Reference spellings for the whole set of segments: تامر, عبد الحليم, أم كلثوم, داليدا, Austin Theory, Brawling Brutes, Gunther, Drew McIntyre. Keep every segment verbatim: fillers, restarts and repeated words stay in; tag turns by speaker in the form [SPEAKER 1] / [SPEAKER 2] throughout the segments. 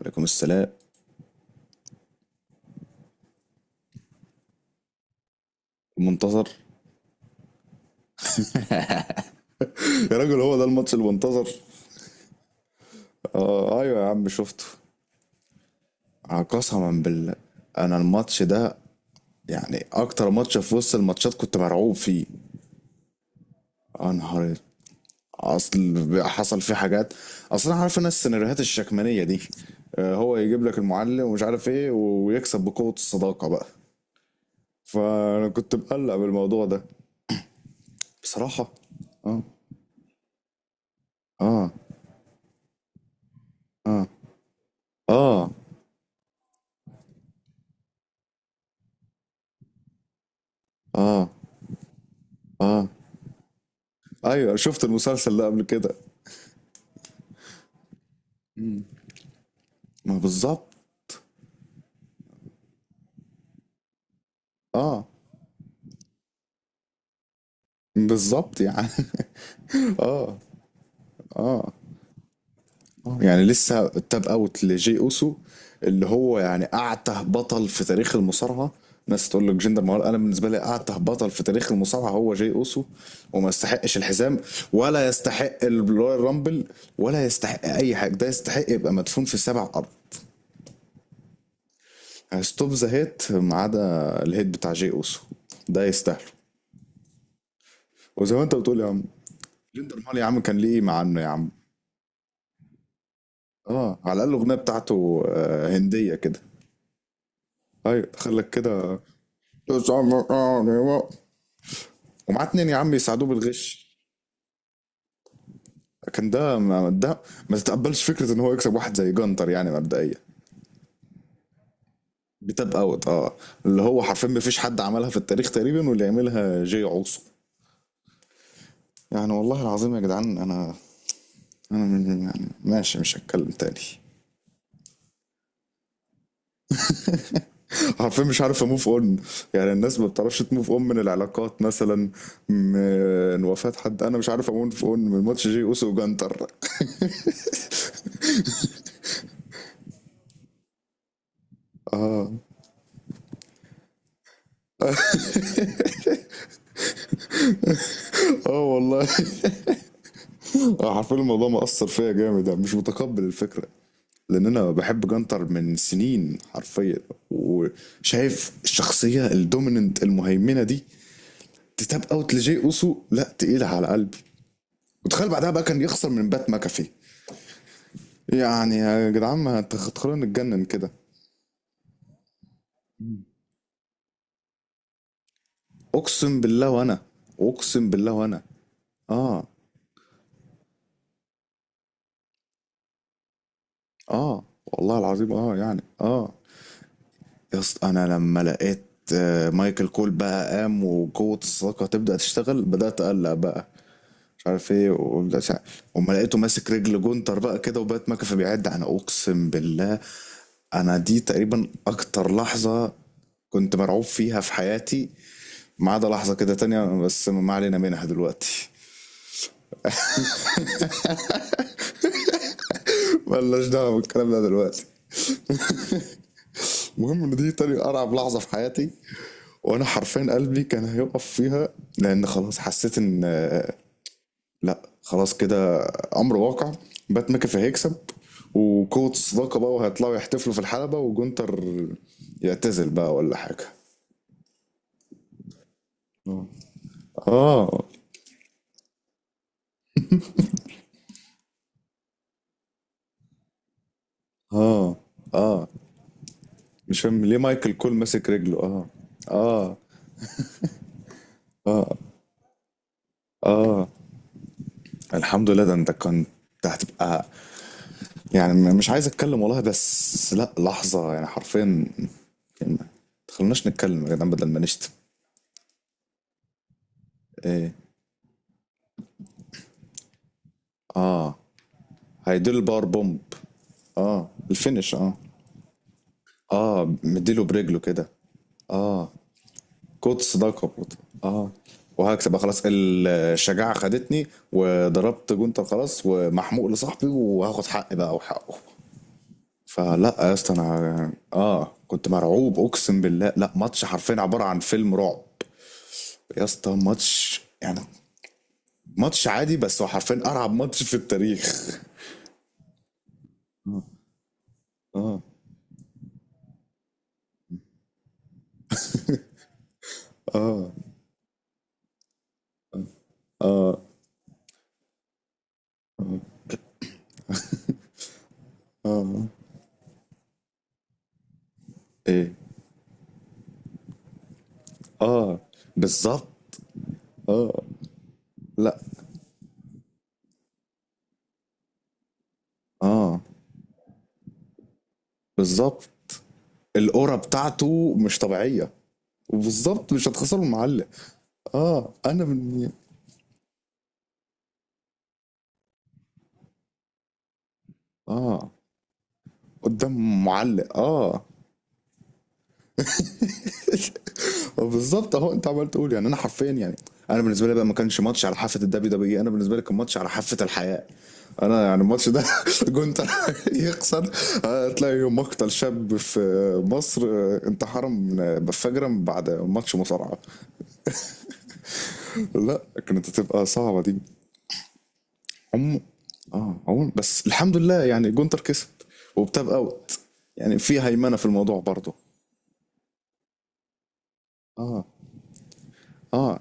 [SPEAKER 1] عليكم السلام المنتظر. يا راجل هو ده الماتش المنتظر؟ آه ايوه يا عم شفته. آه، قسما بالله انا الماتش ده يعني اكتر ماتش في وسط الماتشات كنت مرعوب فيه. يا نهار أسود. اصل حصل فيه حاجات، اصل انا عارف انا السيناريوهات الشكمانيه دي، آه، هو يجيب لك المعلم ومش عارف ايه ويكسب بقوه الصداقه بقى. فانا كنت مقلق بالموضوع ده بصراحه. اه، اه، اه، اه، اه، اه، ايوه شفت المسلسل ده قبل كده. ما بالظبط. اه بالظبط يعني. اه. اه. آه. يعني لسه التاب اوت لجي اوسو، اللي هو يعني اعته بطل في تاريخ المصارعه. ناس تقول لك جندر مهال، انا بالنسبه لي اعته بطل في تاريخ المصارعه هو جي اوسو. وما يستحقش الحزام، ولا يستحق الرويال رامبل، ولا يستحق اي حاجه، ده يستحق يبقى مدفون في سبع ارض. ستوب ذا هيت ما عدا الهيت بتاع جي اوسو، ده يستاهله. وزي ما انت بتقول يا عم، جندر مهال يا عم كان ليه ايه مع عنه يا عم. اه على الاقل الاغنيه بتاعته آه، هنديه كده. ايوه دخل لك كده ومعاه اتنين يا عم يساعدوه بالغش. كان ده ما ده، ما تتقبلش فكره ان هو يكسب واحد زي جانتر يعني مبدئيا. بتاب اوت، اه، اللي هو حرفيا ما فيش حد عملها في التاريخ تقريبا، واللي يعملها جاي عوصو. يعني والله العظيم يا جدعان انا، انا من- يعني ماشي مش هتكلم تاني. حرفيا مش عارف اموف اون. يعني الناس ما بتعرفش تموف اون من العلاقات مثلا، من وفاة حد، انا مش عارف اموف اون من ماتش جي اوسو وجانتر. اه والله. حرفيا الموضوع مأثر فيا جامد، أنا مش متقبل الفكرة، لان انا بحب جانتر من سنين حرفيا. وشايف الشخصية الدوميننت المهيمنة دي تتاب اوت لجي اوسو، لا تقيلة على قلبي. وتخيل بعدها بقى كان يخسر من بات ماكافي. يعني يا جدعان ما هتخ- هتخلونا نتجنن كده. اقسم بالله وانا. اقسم بالله وانا. اه. اه والله العظيم اه يعني اه. يا اسطى انا لما لقيت آه، مايكل كول بقى قام وقوة الصداقة تبدأ تشتغل، بدأت أقلق بقى. مش عارف ايه وبدأت، وما لقيته ماسك رجل جونتر بقى كده وبقت مكفى بيعد، انا اقسم بالله انا دي تقريبا اكتر لحظة كنت مرعوب فيها في حياتي، ما عدا لحظة كده تانية بس ما علينا منها دلوقتي. ملناش دعوة بالكلام ده دلوقتي. المهم ان دي تاني ارعب لحظه في حياتي، وانا حرفيا قلبي كان هيقف فيها. لان خلاص حسيت ان آه، لا خلاص كده، امر واقع، بات ميكافي هيكسب وقوه الصداقه بقى، وهيطلعوا يحتفلوا في الحلبه وجونتر يعتزل بقى ولا حاجه. اه. اه. اه. اه مش فاهم ليه مايكل كول ماسك رجله، اه. اه. اه. الحمد لله، ده انت كنت هتبقى، يعني م- مش عايز اتكلم والله بس لا لحظة يعني حرفيا كلمة. تخلوناش نتكلم يا جدعان بدل ما نشتم. ايه. اه هيديله الباور بومب. اه الفينش اه. اه مديله برجله كده. اه. كوت صداقة برضه. اه. وهكسب بقى خلاص الشجاعة خدتني وضربت جونتر خلاص، ومحموق لصاحبي وهاخد حقي بقى وحقه. فلا يا اسطى انا اه كنت مرعوب اقسم بالله، لا ماتش حرفيا عبارة عن فيلم رعب. يا اسطى ماتش يعني، ماتش عادي بس هو حرفيا ارعب ماتش في التاريخ. اه. ايه اه. بالظبط. لا اه بالظبط، القرى بتاعته مش طبيعية. وبالظبط مش هتخسره معلق. اه انا من. اه قدام معلق اه. بالظبط اهو انت عمال تقول يعني انا حرفيا يعني، انا بالنسبه لي بقى ما كانش ماتش على حافه الدبليو دبليو اي، انا بالنسبه لي كان ماتش على حافه الحياه. انا يعني الماتش ده جونتر يخسر، هتلاقي مقتل شاب في مصر، انتحر من بفجرة بعد ماتش مصارعه. لا كانت هتبقى صعبة دي. عم. اه عموما بس الحمد لله يعني جونتر كسب وبتاب اوت، يعني في هيمنة في الموضوع برضه. اه. اه.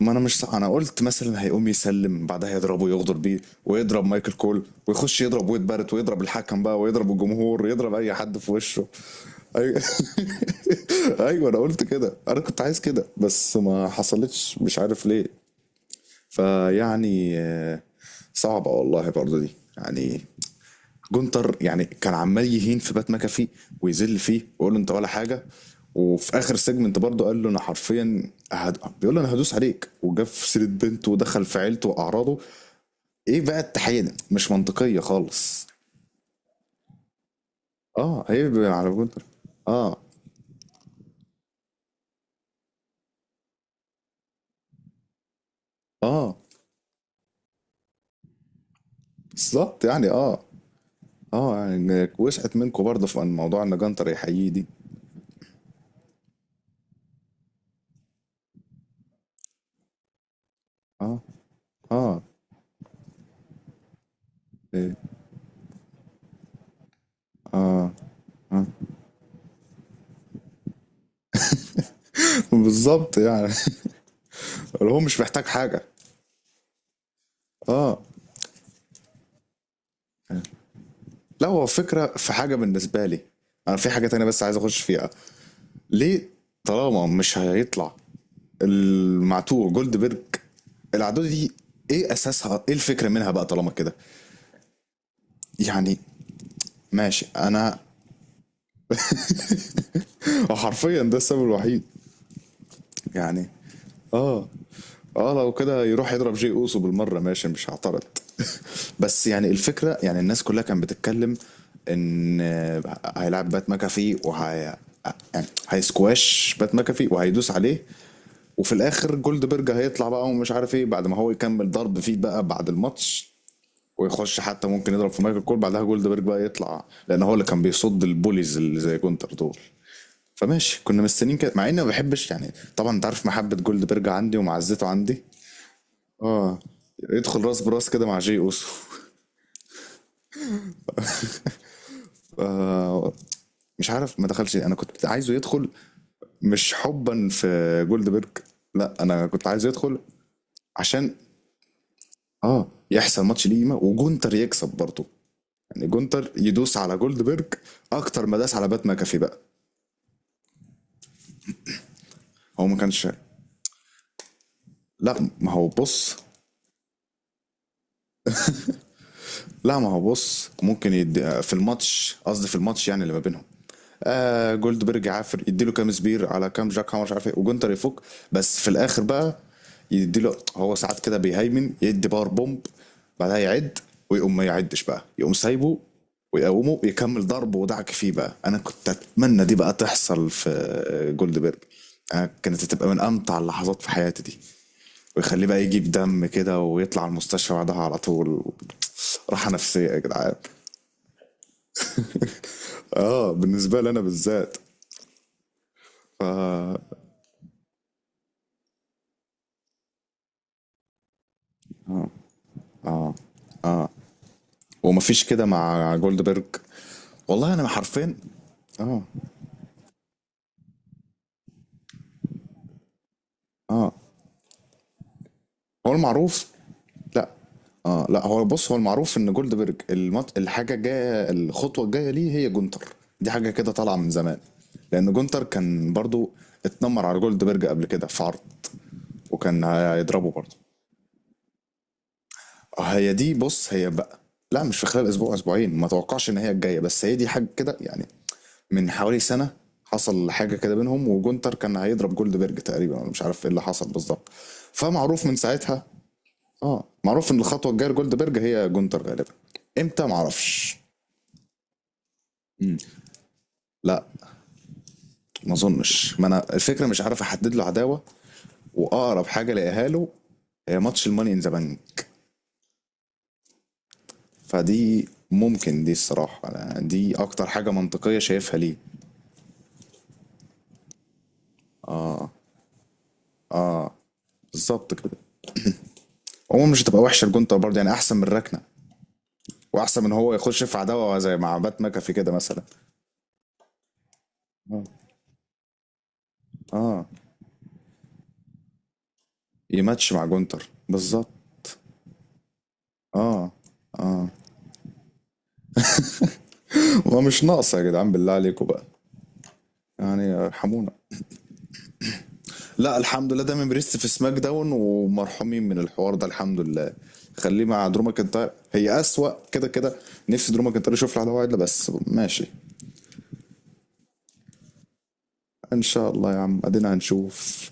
[SPEAKER 1] ما انا مش صح. انا قلت مثلا هيقوم يسلم بعدها يضربه ويغدر بيه، ويضرب مايكل كول ويخش يضرب ويد بارت ويضرب الحكم بقى ويضرب الجمهور ويضرب اي حد في وشه. ايوه. ايوه انا قلت كده، انا كنت عايز كده بس ما حصلتش مش عارف ليه. فيعني آه، صعبة والله برضه دي. يعني جونتر يعني كان عمال يهين في بات مكافي ويذل فيه ويقول له انت ولا حاجه. وفي اخر سيجمنت برضه قال له انا حرفيا هد... بيقول له انا هدوس عليك، وجاب في سيره بنته ودخل في عيلته واعراضه. ايه بقى التحيه دي مش منطقيه خالص. اه هي على جونتر. اه. اه. بالظبط يعني اه. اه يعني وسعت منكم برضه في الموضوع ان جنتر يحييه دي. اه. اه. إيه. اه. بالظبط يعني. اللي هو مش محتاج حاجه. اه. لا هو فكرة في حاجة بالنسبة لي، أنا في حاجة تانية بس عايز أخش فيها. ليه طالما مش هيطلع المعتوه جولدبرج العدوة دي إيه أساسها، إيه الفكرة منها بقى طالما كده يعني؟ ماشي أنا. حرفيا ده السبب الوحيد. يعني آه. اه لو كده يروح يضرب جي اوسو بالمره ماشي مش هعترض. بس يعني الفكره، يعني الناس كلها كانت بتتكلم ان هيلعب بات ماكافي وهي، يعني هيسكواش بات ماكافي وهيدوس عليه، وفي الاخر جولد بيرج هيطلع بقى ومش عارف ايه بعد ما هو يكمل ضرب فيه بقى بعد الماتش، ويخش حتى ممكن يضرب في مايكل كول بعدها جولد بيرج بقى يطلع، لان هو اللي كان بيصد البوليز اللي زي جونتر دول. فماشي كنا مستنيين كده، مع اني ما بحبش يعني طبعا انت عارف محبه جولد بيرج عندي ومعزته عندي، اه، يدخل راس براس كده مع جي اوسو. آه مش عارف ما دخلش، انا كنت عايزه يدخل، مش حبا في جولدبرج، لا انا كنت عايزه يدخل عشان اه يحصل ماتش ليما وجونتر يكسب برضه. يعني جونتر يدوس على جولدبرج اكتر ما داس على بات ماكافي بقى. هو ما كانش، لا ما هو بص، لا ما هو بص ممكن يدي في الماتش، قصدي في الماتش يعني اللي ما بينهم، آه جولدبرج عافر يديله كام سبير على كام جاك هامر مش عارف ايه وجونتر يفك. بس في الاخر بقى يديله هو ساعات كده بيهيمن، يدي باور بومب بعدها يعد، ويقوم ما يعدش بقى يقوم سايبه، ويقومه يكمل ضربه ودعك فيه بقى. انا كنت اتمنى دي بقى تحصل في جولدبرج. انا كانت هتبقى من امتع اللحظات في حياتي دي، ويخليه بقى يجي بدم كده ويطلع المستشفى بعدها على طول. راحة نفسية يا جدعان. اه بالنسبة لي انا بالذات. ف... ومفيش كده مع جولدبرج. والله انا حرفين. اه هو المعروف. لا، اه لا هو بص، هو المعروف ان جولدبرج المط... الحاجة الجاية، الخطوة الجاية ليه هي جونتر، دي حاجة كده طالعة من زمان. لان جونتر كان برضو اتنمر على جولدبرج قبل كده في عرض، وكان هيضربه برضو. آه، هي دي بص هي بقى، لا مش في خلال اسبوع اسبوعين ما توقعش ان هي الجايه، بس هي دي حاجه كده يعني. من حوالي سنه حصل حاجه كده بينهم وجونتر كان هيضرب جولدبرج تقريبا، انا مش عارف ايه اللي حصل بالظبط. فمعروف من ساعتها، اه، معروف ان الخطوه الجايه لجولدبرج هي جونتر غالبا. امتى معرفش. مم. لا ما اظنش، ما انا الفكره مش عارف احدد له عداوه، واقرب حاجه لاقيها له هي ماتش الماني ان ذا بانك، فدي ممكن، دي الصراحه أنا دي اكتر حاجه منطقيه شايفها ليه. بالظبط كده. عموما مش هتبقى وحشه الجونتا برضه يعني احسن من الركنه، واحسن من هو يخش في عداوه زي مع بات ماكافي كده مثلا. اه. اه. يماتش مع جونتر بالظبط. اه. اه ومش ناقصه يا جدعان بالله عليكم بقى. يعني ارحمونا. لا الحمد لله دايما بريست في سماك داون ومرحومين من الحوار ده الحمد لله. خليه مع درو ماكنتاير، هي اسوأ كده كده. نفسي درو ماكنتاير يشوف له عداوه عدله بس ماشي. ان شاء الله يا عم ادينا هنشوف.